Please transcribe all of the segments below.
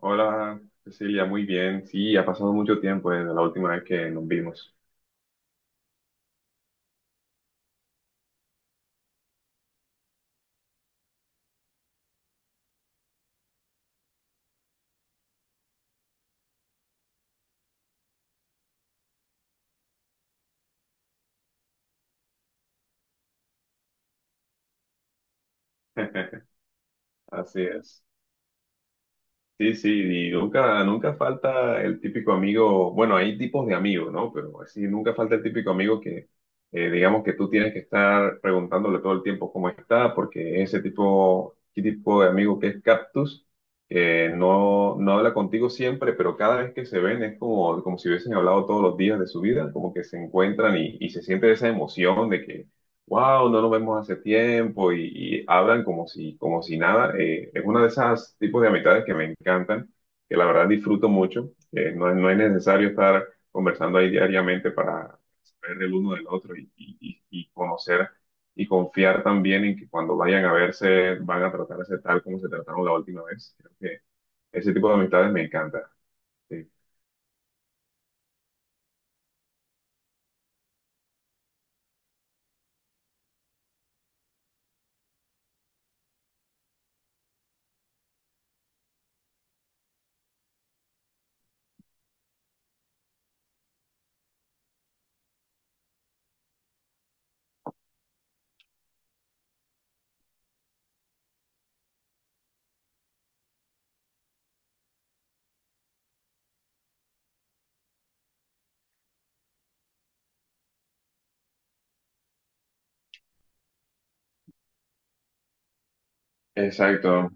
Hola, Cecilia, muy bien. Sí, ha pasado mucho tiempo desde la última vez que nos vimos. Así es. Sí, sí, y nunca falta el típico amigo. Bueno, hay tipos de amigos, ¿no? Pero sí, nunca falta el típico amigo que, digamos que tú tienes que estar preguntándole todo el tiempo cómo está, porque ese tipo, qué tipo de amigo que es Cactus, que no habla contigo siempre, pero cada vez que se ven es como, como si hubiesen hablado todos los días de su vida, como que se encuentran y se siente esa emoción de que wow, no nos vemos hace tiempo y hablan como si nada. Es una de esas tipos de amistades que me encantan, que la verdad disfruto mucho. No, no es necesario estar conversando ahí diariamente para saber el uno del otro y y conocer y confiar también en que cuando vayan a verse van a tratarse tal como se trataron la última vez. Creo que ese tipo de amistades me encanta. Sí. Exacto.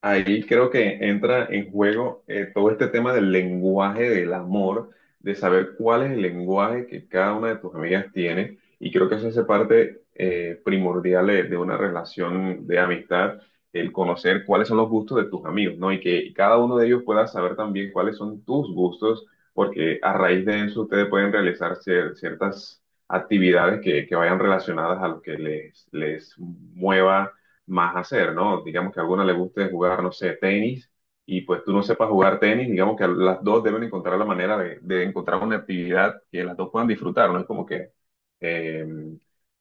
Ahí creo que entra en juego todo este tema del lenguaje del amor, de saber cuál es el lenguaje que cada una de tus amigas tiene. Y creo que eso hace parte primordial de una relación de amistad, el conocer cuáles son los gustos de tus amigos, ¿no? Y que cada uno de ellos pueda saber también cuáles son tus gustos, porque a raíz de eso ustedes pueden realizar ciertas actividades que vayan relacionadas a lo que les mueva más hacer, ¿no? Digamos que a alguna le guste jugar, no sé, tenis, y pues tú no sepas jugar tenis, digamos que las dos deben encontrar la manera de encontrar una actividad que las dos puedan disfrutar, ¿no? Es como que, eh,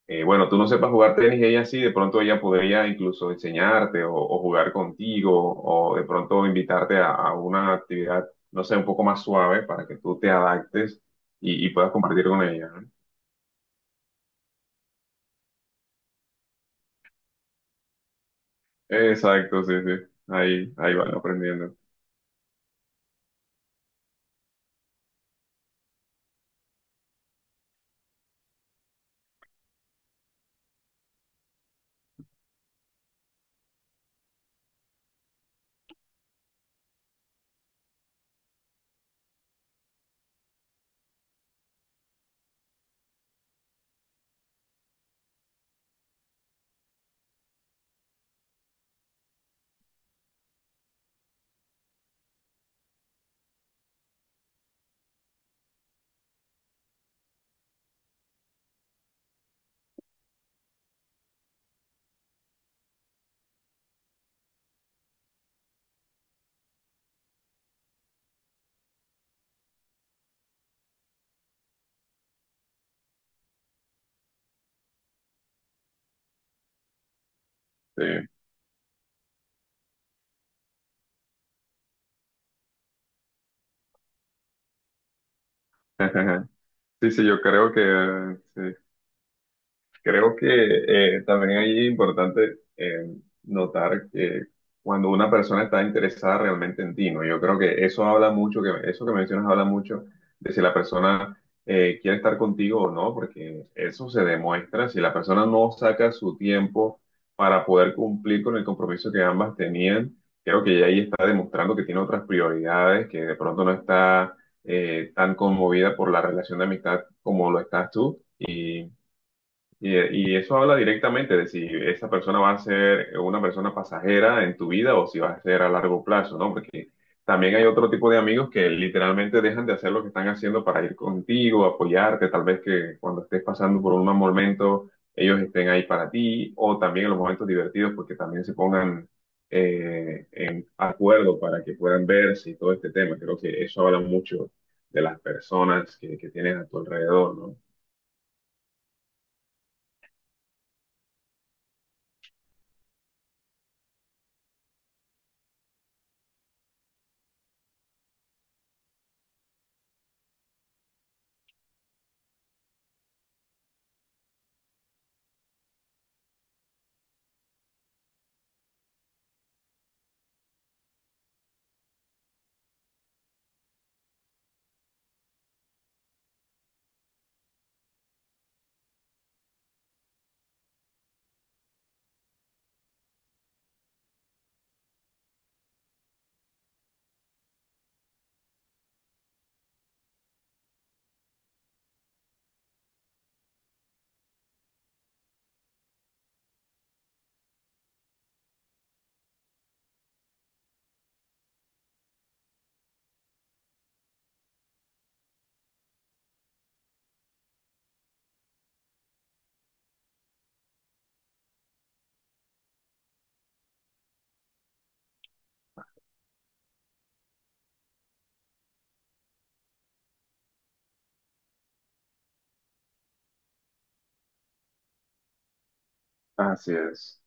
bueno, tú no sepas jugar tenis y ella sí, de pronto ella podría incluso enseñarte o jugar contigo, o de pronto invitarte a una actividad, no sé, un poco más suave para que tú te adaptes y puedas compartir con ella, ¿no? Exacto, sí, sí. Ahí, ahí van aprendiendo. Sí. Sí, sí, yo creo que, sí, creo que también ahí es importante, notar que cuando una persona está interesada realmente en ti, ¿no? Yo creo que eso habla mucho, que eso que mencionas habla mucho de si la persona quiere estar contigo o no, porque eso se demuestra. Si la persona no saca su tiempo para poder cumplir con el compromiso que ambas tenían, creo que ya ahí está demostrando que tiene otras prioridades, que de pronto no está tan conmovida por la relación de amistad como lo estás tú. Y, y eso habla directamente de si esa persona va a ser una persona pasajera en tu vida o si va a ser a largo plazo, ¿no? Porque también hay otro tipo de amigos que literalmente dejan de hacer lo que están haciendo para ir contigo, apoyarte, tal vez que cuando estés pasando por un mal momento ellos estén ahí para ti o también en los momentos divertidos porque también se pongan en acuerdo para que puedan verse y todo este tema. Creo que eso habla mucho de las personas que tienes a tu alrededor, ¿no? Así es.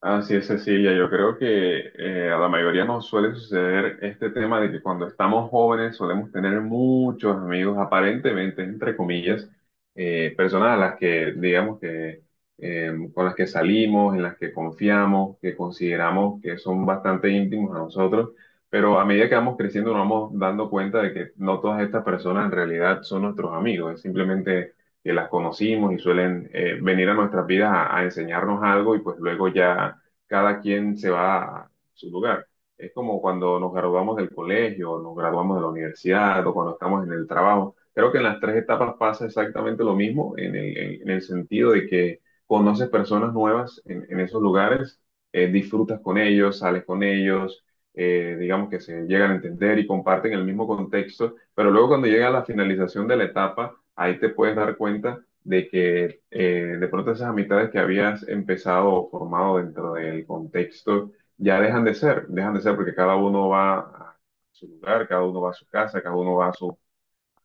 Así es, Cecilia. Yo creo que a la mayoría nos suele suceder este tema de que cuando estamos jóvenes solemos tener muchos amigos, aparentemente, entre comillas, personas a las que, digamos que, con las que salimos, en las que confiamos, que consideramos que son bastante íntimos a nosotros, pero a medida que vamos creciendo nos vamos dando cuenta de que no todas estas personas en realidad son nuestros amigos, es simplemente que las conocimos y suelen venir a nuestras vidas a enseñarnos algo y pues luego ya cada quien se va a su lugar. Es como cuando nos graduamos del colegio, nos graduamos de la universidad o cuando estamos en el trabajo. Creo que en las tres etapas pasa exactamente lo mismo en en el sentido de que conoces personas nuevas en esos lugares, disfrutas con ellos, sales con ellos, digamos que se llegan a entender y comparten el mismo contexto, pero luego cuando llega la finalización de la etapa, ahí te puedes dar cuenta de que de pronto esas amistades que habías empezado o formado dentro del contexto ya dejan de ser porque cada uno va a su lugar, cada uno va a su casa, cada uno va a su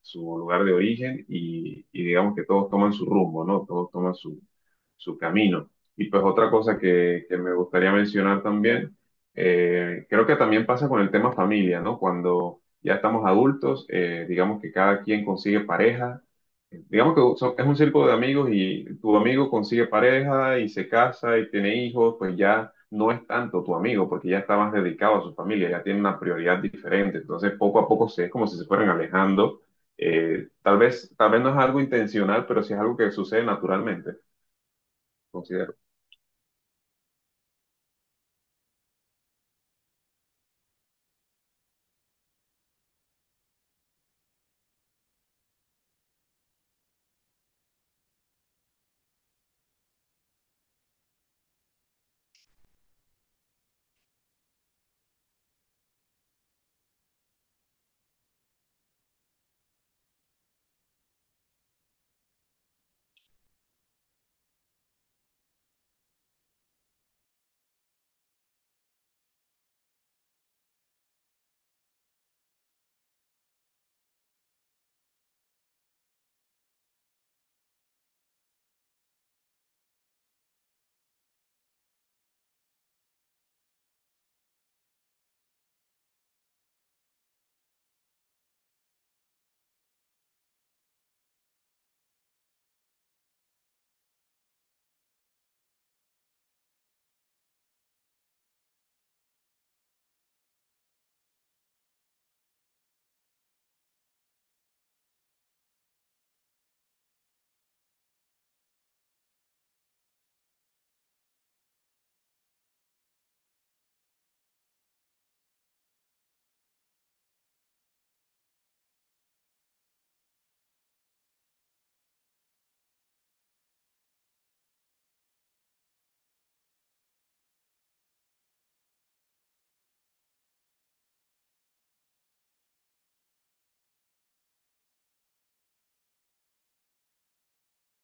su lugar de origen y digamos que todos toman su rumbo, ¿no? Todos toman su, su camino. Y pues otra cosa que me gustaría mencionar también, creo que también pasa con el tema familia, ¿no? Cuando ya estamos adultos, digamos que cada quien consigue pareja, digamos que es un círculo de amigos y tu amigo consigue pareja y se casa y tiene hijos, pues ya no es tanto tu amigo porque ya está más dedicado a su familia, ya tiene una prioridad diferente. Entonces poco a poco se, es como si se fueran alejando, tal vez no es algo intencional, pero sí es algo que sucede naturalmente, considero.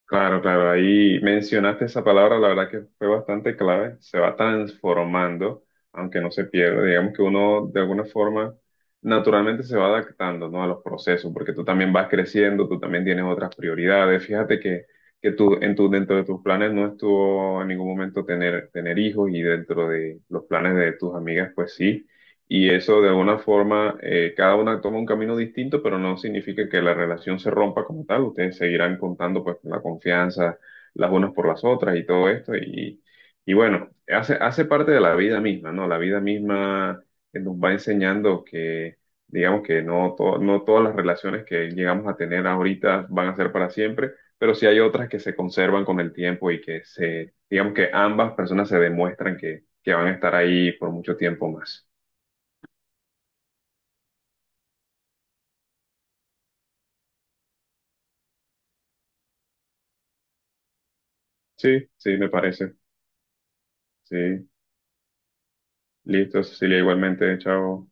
Claro, claro, ahí mencionaste esa palabra, la verdad que fue bastante clave, se va transformando, aunque no se pierde, digamos que uno de alguna forma naturalmente se va adaptando, ¿no?, a los procesos, porque tú también vas creciendo, tú también tienes otras prioridades, fíjate que tú, en tu, dentro de tus planes no estuvo en ningún momento tener, tener hijos y dentro de los planes de tus amigas, pues sí. Y eso de alguna forma, cada una toma un camino distinto, pero no significa que la relación se rompa como tal. Ustedes seguirán contando pues la confianza las unas por las otras y todo esto. Y bueno, hace, hace parte de la vida misma, ¿no? La vida misma nos va enseñando que, digamos que no, no todas las relaciones que llegamos a tener ahorita van a ser para siempre, pero sí hay otras que se conservan con el tiempo y que se, digamos que ambas personas se demuestran que van a estar ahí por mucho tiempo más. Sí, sí, me parece. Sí, listo, Cecilia, igualmente, chao.